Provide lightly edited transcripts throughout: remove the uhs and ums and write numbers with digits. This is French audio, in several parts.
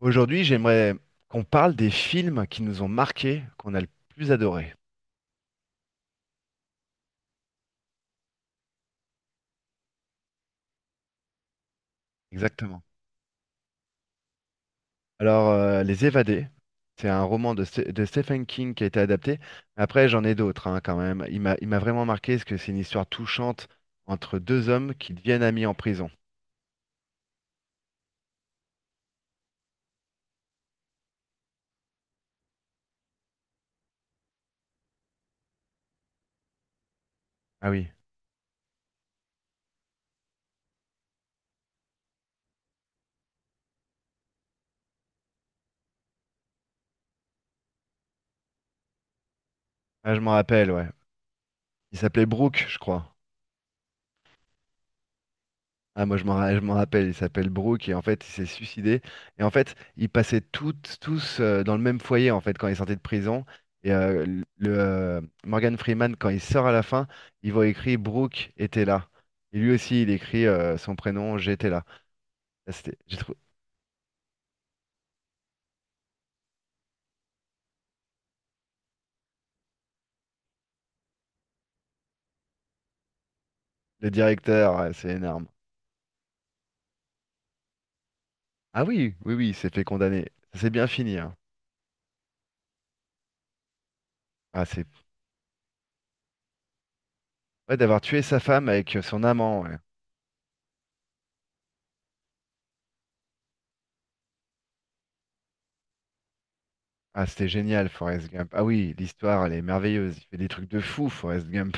Aujourd'hui, j'aimerais qu'on parle des films qui nous ont marqués, qu'on a le plus adoré. Exactement. Alors, Les Évadés, c'est un roman de Stephen King qui a été adapté. Après, j'en ai d'autres hein, quand même. Il m'a vraiment marqué parce que c'est une histoire touchante entre deux hommes qui deviennent amis en prison. Ah oui, ah, je m'en rappelle, ouais. Il s'appelait Brooke, je crois. Ah, moi, je m'en rappelle, il s'appelle Brooke et en fait, il s'est suicidé. Et en fait, ils passaient toutes, tous dans le même foyer en fait quand ils sortaient de prison. Et le Morgan Freeman, quand il sort à la fin, il voit écrit Brooke était là. Et lui aussi, il écrit son prénom, j'étais là. Ça, c'était- j'ai trou- Le directeur, c'est énorme. Ah oui, oui, oui, il s'est fait condamner. Ça s'est bien fini, hein. Ah, c'est ouais, d'avoir tué sa femme avec son amant, ouais. Ah, c'était génial, Forrest Gump. Ah oui, l'histoire, elle est merveilleuse. Il fait des trucs de fou, Forrest Gump.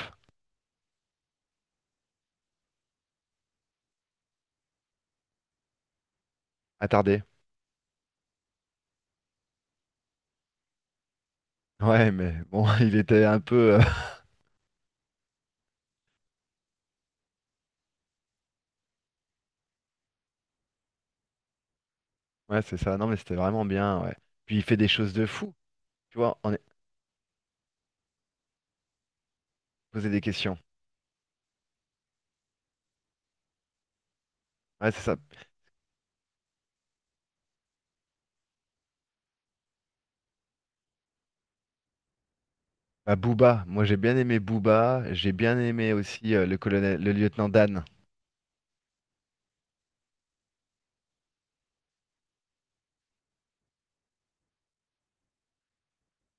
Attardé. Ouais, mais bon, il était un peu. Ouais, c'est ça. Non, mais c'était vraiment bien. Ouais. Puis il fait des choses de fou. Tu vois, on est posé des questions. Ouais, c'est ça. Bah, Booba. Moi, j'ai bien aimé Booba. J'ai bien aimé aussi le colonel, le lieutenant Dan.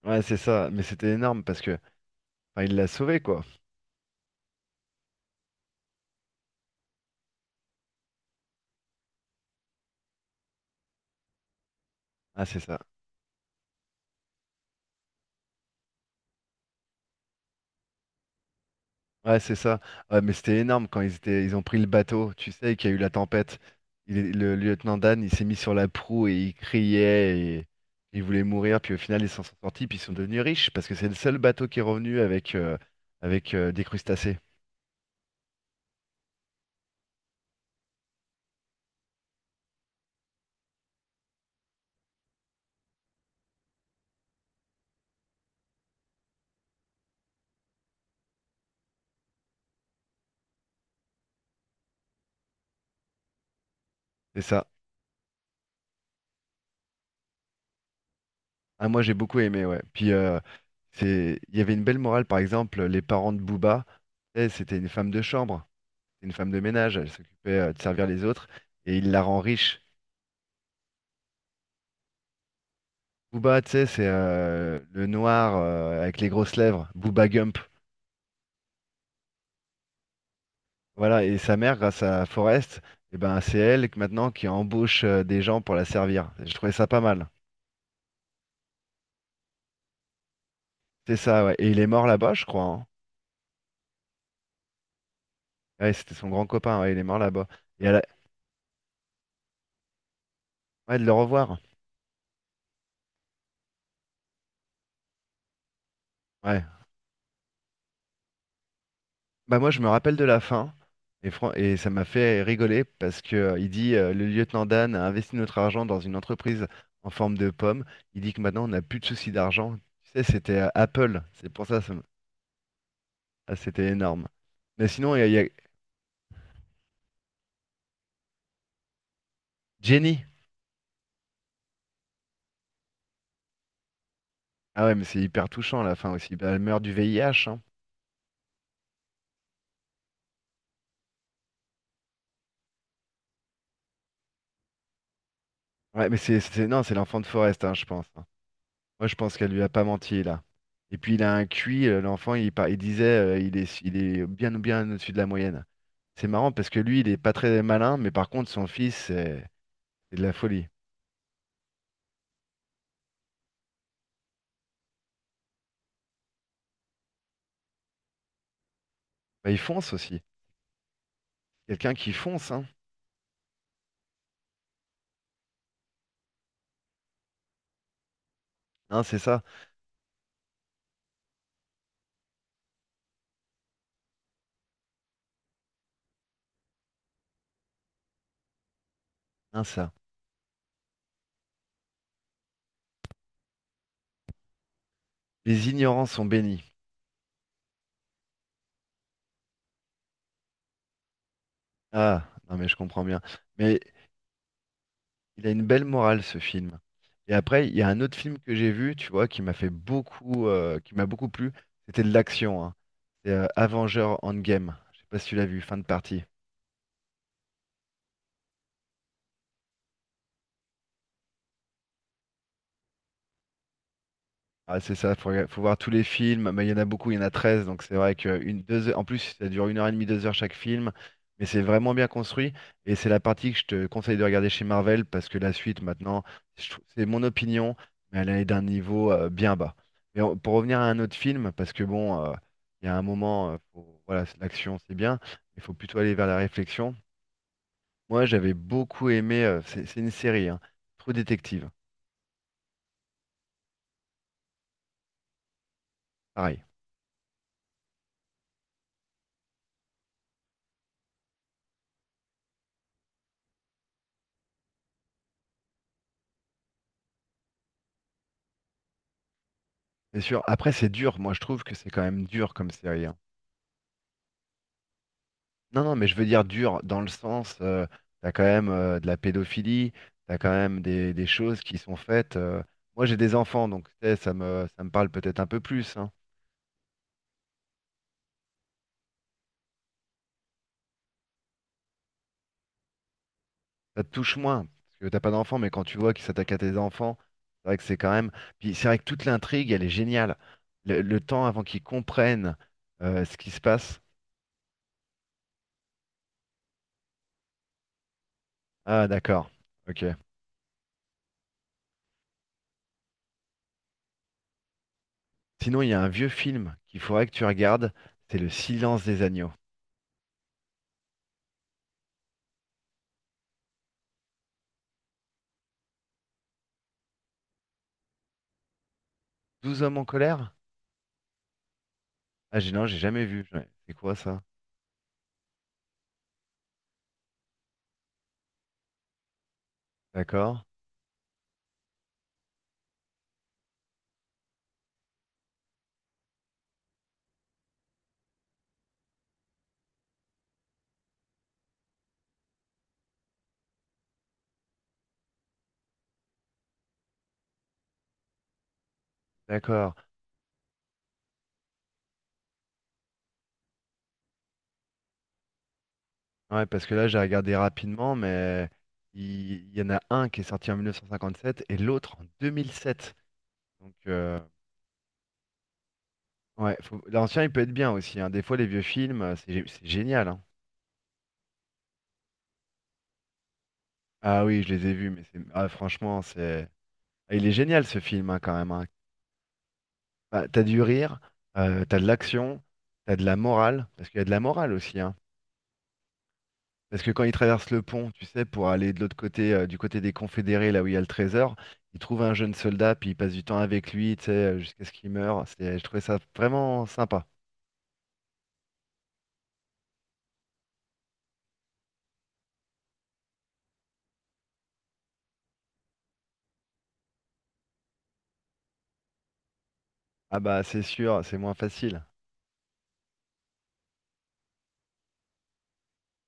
Ouais, c'est ça. Mais c'était énorme parce que, enfin, il l'a sauvé, quoi. Ah, c'est ça. Ouais, c'est ça. Ouais, mais c'était énorme quand ils ont pris le bateau. Tu sais qu'il y a eu la tempête. Le lieutenant Dan, il s'est mis sur la proue et il criait et il voulait mourir. Puis au final, ils s'en sont sortis. Puis ils sont devenus riches parce que c'est le seul bateau qui est revenu avec des crustacés. C'est ça. Ah, moi, j'ai beaucoup aimé. Ouais. Puis il y avait une belle morale. Par exemple, les parents de Booba, tu sais, c'était une femme de chambre, une femme de ménage. Elle s'occupait de servir les autres et il la rend riche. Booba, tu sais, c'est le noir avec les grosses lèvres, Booba Gump. Voilà, et sa mère, grâce à Forrest, eh ben, c'est elle maintenant qui embauche des gens pour la servir. Je trouvais ça pas mal. C'est ça, ouais. Et il est mort là-bas, je crois, hein. Ouais, c'était son grand copain, ouais, il est mort là-bas. Et elle a- ouais, de le revoir. Ouais. Bah moi, je me rappelle de la fin, et ça m'a fait rigoler parce que il dit le lieutenant Dan a investi notre argent dans une entreprise en forme de pomme. Il dit que maintenant, on n'a plus de soucis d'argent. Tu sais, c'était Apple. C'est pour ça. Ah, c'était énorme. Mais sinon, il y a Jenny. Ah ouais, mais c'est hyper touchant à la fin aussi. Bah, elle meurt du VIH, hein. Ouais, mais non, c'est l'enfant de Forrest, hein, je pense, hein. Moi, je pense qu'elle lui a pas menti là. Et puis il a un QI, l'enfant, il disait, il est bien bien au-dessus de la moyenne. C'est marrant parce que lui, il est pas très malin, mais par contre, son fils, c'est de la folie. Bah, il fonce aussi. Quelqu'un qui fonce, hein. Hein, c'est ça. Hein, ça. Les ignorants sont bénis. Ah, non, mais je comprends bien. Mais il a une belle morale ce film. Et après, il y a un autre film que j'ai vu, tu vois, qui m'a fait beaucoup, qui m'a beaucoup plu. C'était de l'action, hein. C'est Avengers Endgame. Je sais pas si tu l'as vu, fin de partie. Ah, c'est ça, faut voir tous les films, mais il y en a beaucoup, il y en a 13, donc c'est vrai que une, deux heures- en plus ça dure une heure et demie, 2 heures chaque film, mais c'est vraiment bien construit, et c'est la partie que je te conseille de regarder chez Marvel, parce que la suite maintenant, c'est mon opinion, mais elle est d'un niveau bien bas. Mais pour revenir à un autre film, parce que bon, il y a un moment, voilà, l'action c'est bien, il faut plutôt aller vers la réflexion. Moi j'avais beaucoup aimé, c'est une série, hein, True Detective, pareil. C'est sûr. Après, c'est dur. Moi, je trouve que c'est quand même dur comme série, hein. Non, non, mais je veux dire dur dans le sens, t'as quand même de la pédophilie, t'as quand même des choses qui sont faites. Moi, j'ai des enfants, donc tu sais, ça me parle peut-être un peu plus, hein. Ça te touche moins, parce que t'as pas d'enfants, mais quand tu vois qu'ils s'attaquent à tes enfants, c'est vrai que c'est quand même. Puis c'est vrai que toute l'intrigue, elle est géniale. Le temps avant qu'ils comprennent ce qui se passe. Ah, d'accord. Ok. Sinon, il y a un vieux film qu'il faudrait que tu regardes, c'est Le Silence des agneaux. Douze hommes en colère? Ah, j'ai non, j'ai jamais vu. Ouais, c'est quoi ça? D'accord, d'accord. Ah ouais, parce que là, j'ai regardé rapidement, mais il y en a un qui est sorti en 1957 et l'autre en 2007. Donc, ouais, l'ancien, il peut être bien aussi, hein. Des fois, les vieux films, c'est génial, hein. Ah oui, je les ai vus, mais ah, franchement, c'est. Ah, il est génial ce film hein, quand même, hein. Bah, t'as du rire, t'as de l'action, t'as de la morale, parce qu'il y a de la morale aussi, hein. Parce que quand ils traversent le pont, tu sais, pour aller de l'autre côté, du côté des Confédérés, là où il y a le trésor, ils trouvent un jeune soldat, puis ils passent du temps avec lui, tu sais, jusqu'à ce qu'il meure. C'est, je trouvais ça vraiment sympa. Ah bah c'est sûr, c'est moins facile.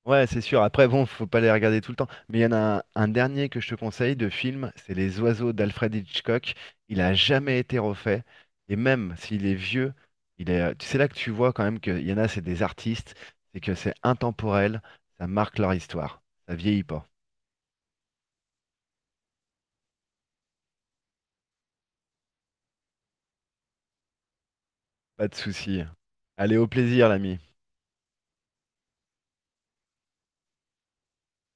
Ouais, c'est sûr. Après, bon, faut pas les regarder tout le temps. Mais il y en a un dernier que je te conseille de film, c'est Les Oiseaux d'Alfred Hitchcock. Il a jamais été refait. Et même s'il est vieux, il est, c'est là que tu vois quand même qu'il y en a, c'est des artistes, c'est que c'est intemporel, ça marque leur histoire. Ça vieillit pas. Pas de souci. Allez, au plaisir, l'ami.